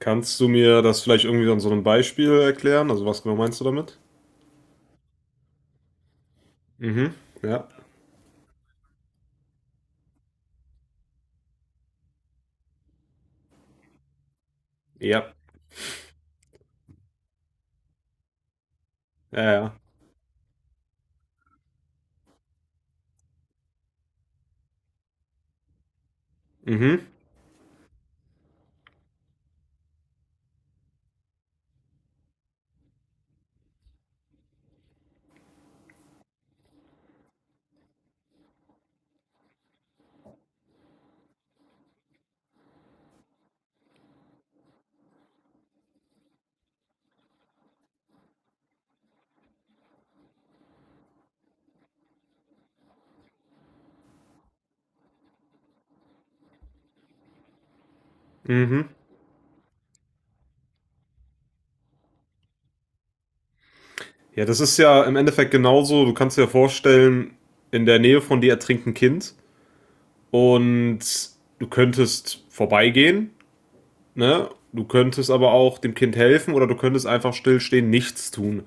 Kannst du mir das vielleicht irgendwie an so einem Beispiel erklären? Also was genau meinst du damit? Mhm. Ja. Ja. Ja, ja. Mhm. Mhm. Ja, das ist ja im Endeffekt genauso. Du kannst dir vorstellen, in der Nähe von dir ertrinkt ein Kind und du könntest vorbeigehen, ne? Du könntest aber auch dem Kind helfen oder du könntest einfach stillstehen, nichts tun.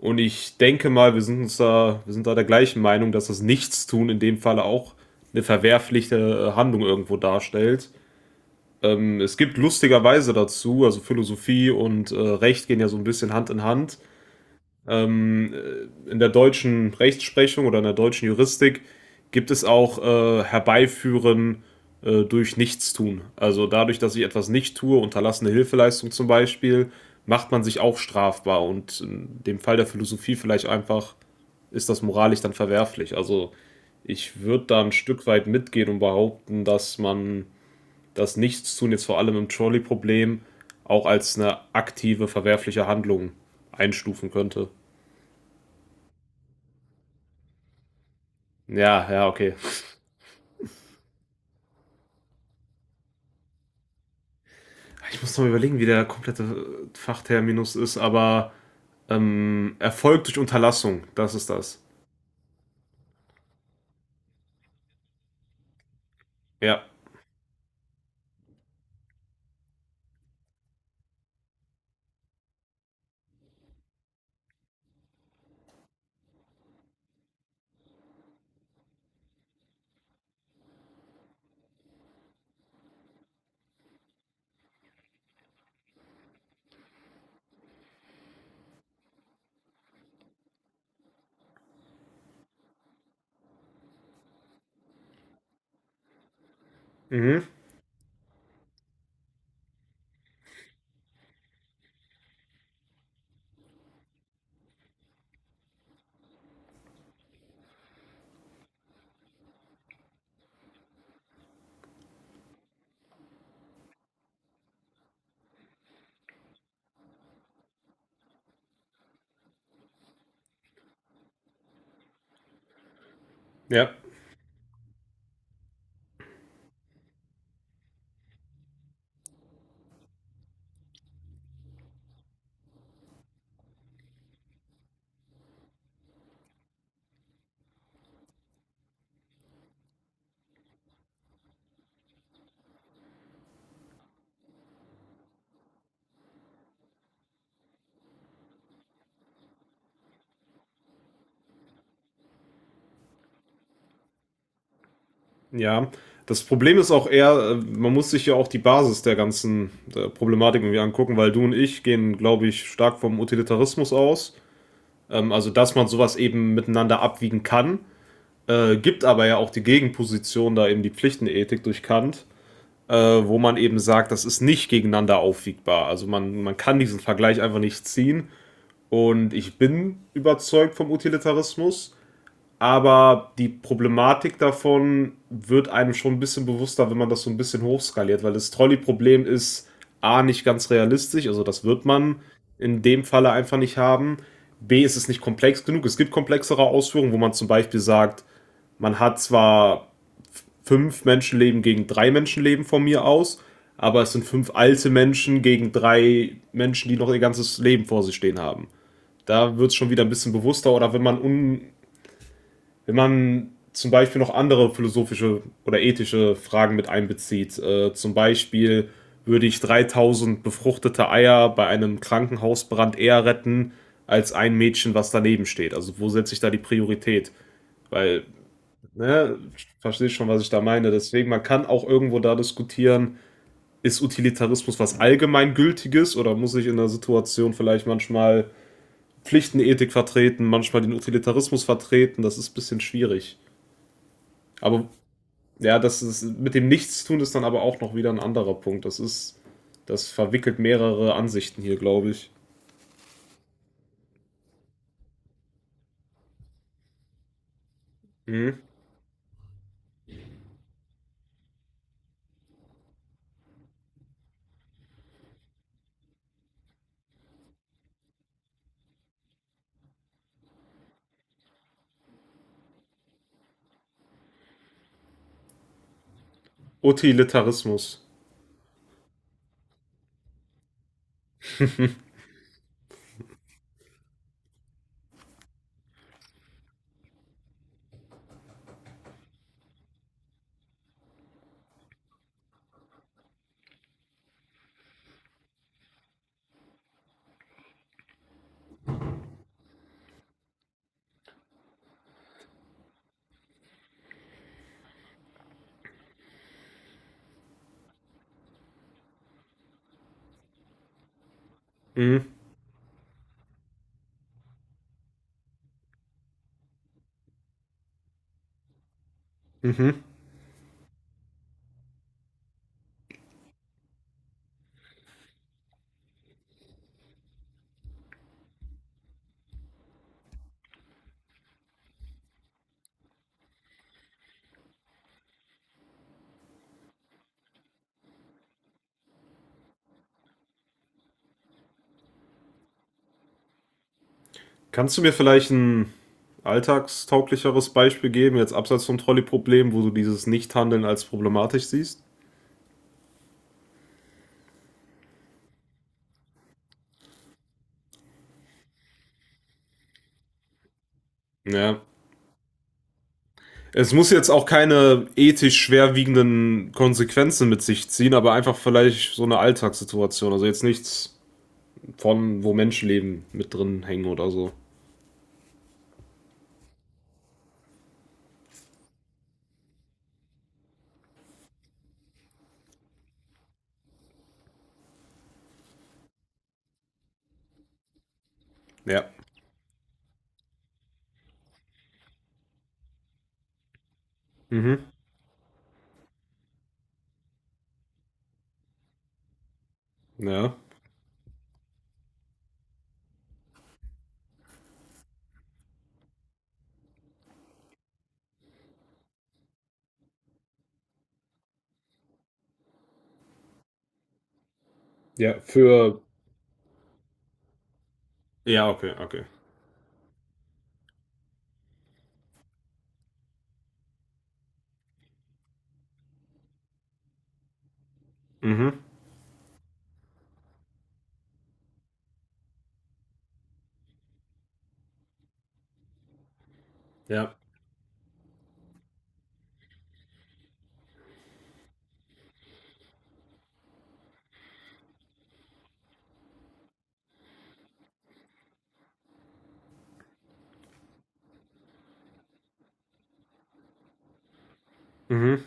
Und ich denke mal, wir sind da der gleichen Meinung, dass das Nichtstun in dem Falle auch eine verwerfliche Handlung irgendwo darstellt. Es gibt lustigerweise dazu, also Philosophie und Recht gehen ja so ein bisschen Hand in Hand. Ähm, in der deutschen Rechtsprechung oder in der deutschen Juristik gibt es auch Herbeiführen durch Nichtstun. Also dadurch, dass ich etwas nicht tue, unterlassene Hilfeleistung zum Beispiel, macht man sich auch strafbar. Und in dem Fall der Philosophie vielleicht einfach ist das moralisch dann verwerflich. Also ich würde da ein Stück weit mitgehen und behaupten, dass man das Nichtstun jetzt vor allem im Trolley-Problem auch als eine aktive, verwerfliche Handlung einstufen könnte. Ja, ja, okay. Ich muss noch überlegen, wie der komplette Fachterminus ist, aber Erfolg durch Unterlassung, das ist das. Ja. Mhm. Ja. Ja. Das Problem ist auch eher, man muss sich ja auch die Basis der ganzen der Problematik irgendwie angucken, weil du und ich gehen, glaube ich, stark vom Utilitarismus aus. Also, dass man sowas eben miteinander abwiegen kann. Gibt aber ja auch die Gegenposition, da eben die Pflichtenethik durch Kant, wo man eben sagt, das ist nicht gegeneinander aufwiegbar. Also man kann diesen Vergleich einfach nicht ziehen. Und ich bin überzeugt vom Utilitarismus, aber die Problematik davon wird einem schon ein bisschen bewusster, wenn man das so ein bisschen hochskaliert, weil das Trolley-Problem ist A, nicht ganz realistisch, also das wird man in dem Falle einfach nicht haben. B, ist es nicht komplex genug. Es gibt komplexere Ausführungen, wo man zum Beispiel sagt, man hat zwar fünf Menschenleben gegen drei Menschenleben von mir aus, aber es sind fünf alte Menschen gegen drei Menschen, die noch ihr ganzes Leben vor sich stehen haben. Da wird es schon wieder ein bisschen bewusster oder wenn man zum Beispiel noch andere philosophische oder ethische Fragen mit einbezieht, zum Beispiel würde ich 3000 befruchtete Eier bei einem Krankenhausbrand eher retten als ein Mädchen, was daneben steht. Also wo setze ich da die Priorität? Weil, ne, verstehst schon, was ich da meine. Deswegen, man kann auch irgendwo da diskutieren, ist Utilitarismus was Allgemeingültiges oder muss ich in der Situation vielleicht manchmal Pflichtenethik vertreten, manchmal den Utilitarismus vertreten? Das ist ein bisschen schwierig. Aber ja, mit dem Nichtstun ist dann aber auch noch wieder ein anderer Punkt. Das verwickelt mehrere Ansichten hier, glaube ich. Mhm. Utilitarismus. Mhm. Mhm. Kannst du mir vielleicht ein alltagstauglicheres Beispiel geben, jetzt abseits vom Trolley-Problem, wo du dieses Nichthandeln als problematisch siehst? Ja. Es muss jetzt auch keine ethisch schwerwiegenden Konsequenzen mit sich ziehen, aber einfach vielleicht so eine Alltagssituation. Also jetzt nichts von, wo Menschenleben mit drin hängen oder so. Ja. Mhm. Ja. Ja, für. Ja, okay, okay. Mhm. Ja. Mhm.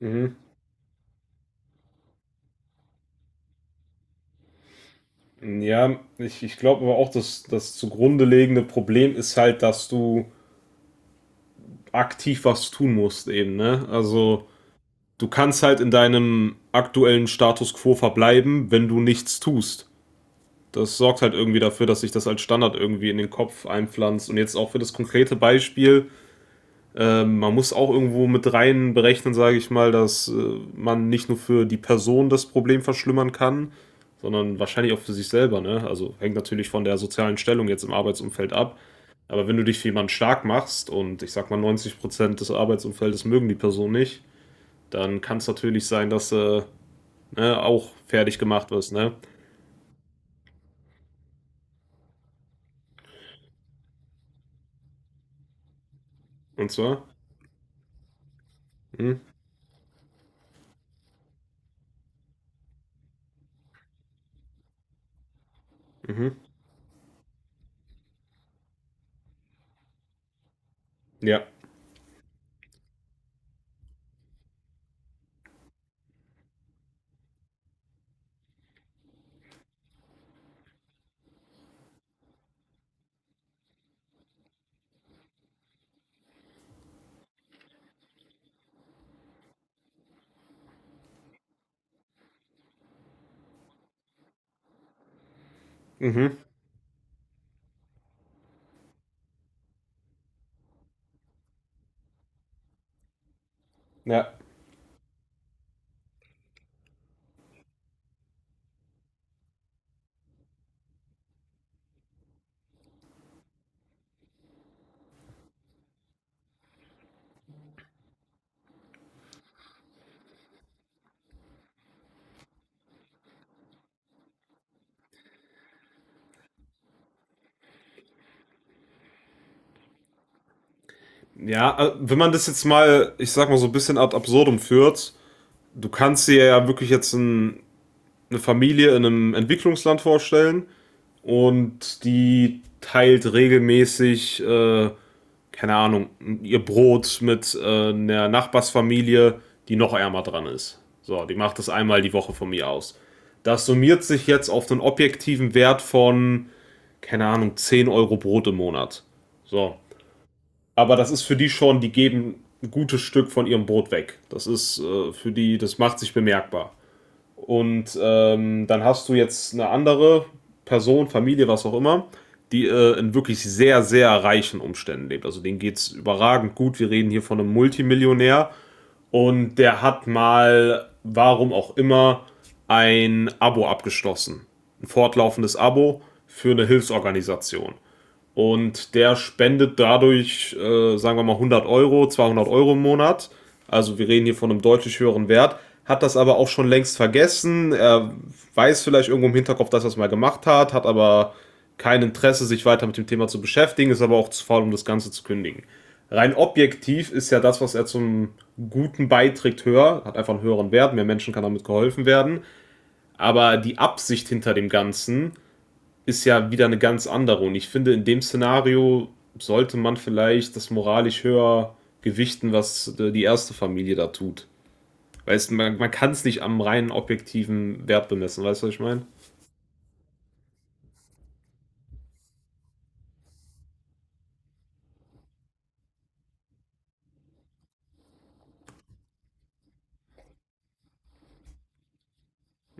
Mhm. Ja, ich glaube aber auch, dass das zugrunde liegende Problem ist halt, dass du aktiv was tun musst eben, ne? Also du kannst halt in deinem aktuellen Status quo verbleiben, wenn du nichts tust. Das sorgt halt irgendwie dafür, dass sich das als Standard irgendwie in den Kopf einpflanzt. Und jetzt auch für das konkrete Beispiel, ähm, man muss auch irgendwo mit rein berechnen, sage ich mal, dass man nicht nur für die Person das Problem verschlimmern kann, sondern wahrscheinlich auch für sich selber. Ne? Also hängt natürlich von der sozialen Stellung jetzt im Arbeitsumfeld ab. Aber wenn du dich für jemanden stark machst und ich sag mal 90% des Arbeitsumfeldes mögen die Person nicht, dann kann es natürlich sein, dass ne, auch fertig gemacht wirst. Ne? Und zwar? Mhm. Mhm. Ja. Mhm. Ja. Ja, wenn man das jetzt mal, ich sag mal, so ein bisschen ad absurdum führt, du kannst dir ja wirklich jetzt ein, eine Familie in einem Entwicklungsland vorstellen und die teilt regelmäßig, keine Ahnung, ihr Brot mit einer Nachbarsfamilie, die noch ärmer dran ist. So, die macht das einmal die Woche von mir aus. Das summiert sich jetzt auf einen objektiven Wert von, keine Ahnung, 10 Euro Brot im Monat. So. Aber das ist für die schon, die geben ein gutes Stück von ihrem Brot weg. Das ist für die, das macht sich bemerkbar. Und dann hast du jetzt eine andere Person, Familie, was auch immer, die in wirklich sehr, sehr reichen Umständen lebt. Also denen geht es überragend gut. Wir reden hier von einem Multimillionär und der hat mal, warum auch immer, ein Abo abgeschlossen. Ein fortlaufendes Abo für eine Hilfsorganisation. Und der spendet dadurch, sagen wir mal, 100 Euro, 200 Euro im Monat. Also wir reden hier von einem deutlich höheren Wert. Hat das aber auch schon längst vergessen. Er weiß vielleicht irgendwo im Hinterkopf, dass er es mal gemacht hat, hat aber kein Interesse, sich weiter mit dem Thema zu beschäftigen, ist aber auch zu faul, um das Ganze zu kündigen. Rein objektiv ist ja das, was er zum Guten beiträgt, höher, hat einfach einen höheren Wert, mehr Menschen kann damit geholfen werden. Aber die Absicht hinter dem Ganzen ist ja wieder eine ganz andere. Und ich finde, in dem Szenario sollte man vielleicht das moralisch höher gewichten, was die erste Familie da tut. Weißt du, man kann es nicht am reinen objektiven Wert bemessen, weißt du, was ich meine?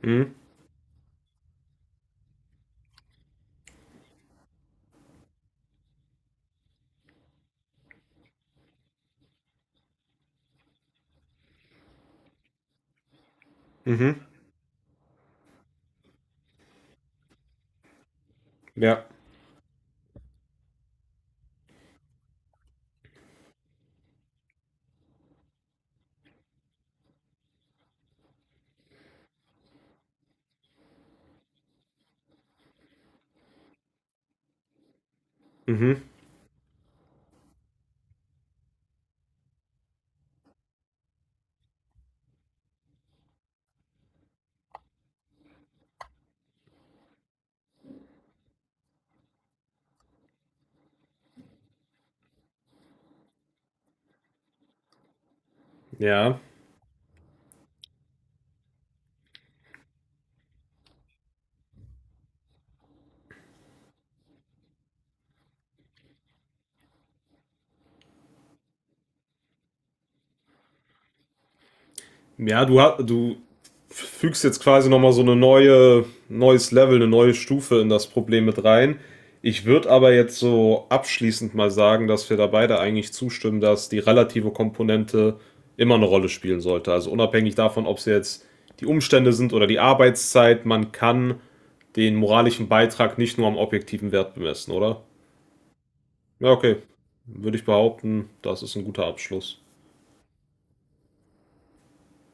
Mhm. Mhm. Ja. Mhm. Ja. Ja, du fügst jetzt quasi nochmal so eine neue, neues Level, eine neue Stufe in das Problem mit rein. Ich würde aber jetzt so abschließend mal sagen, dass wir da beide eigentlich zustimmen, dass die relative Komponente immer eine Rolle spielen sollte. Also unabhängig davon, ob es jetzt die Umstände sind oder die Arbeitszeit, man kann den moralischen Beitrag nicht nur am objektiven Wert bemessen, oder? Ja, okay. Würde ich behaupten, das ist ein guter Abschluss.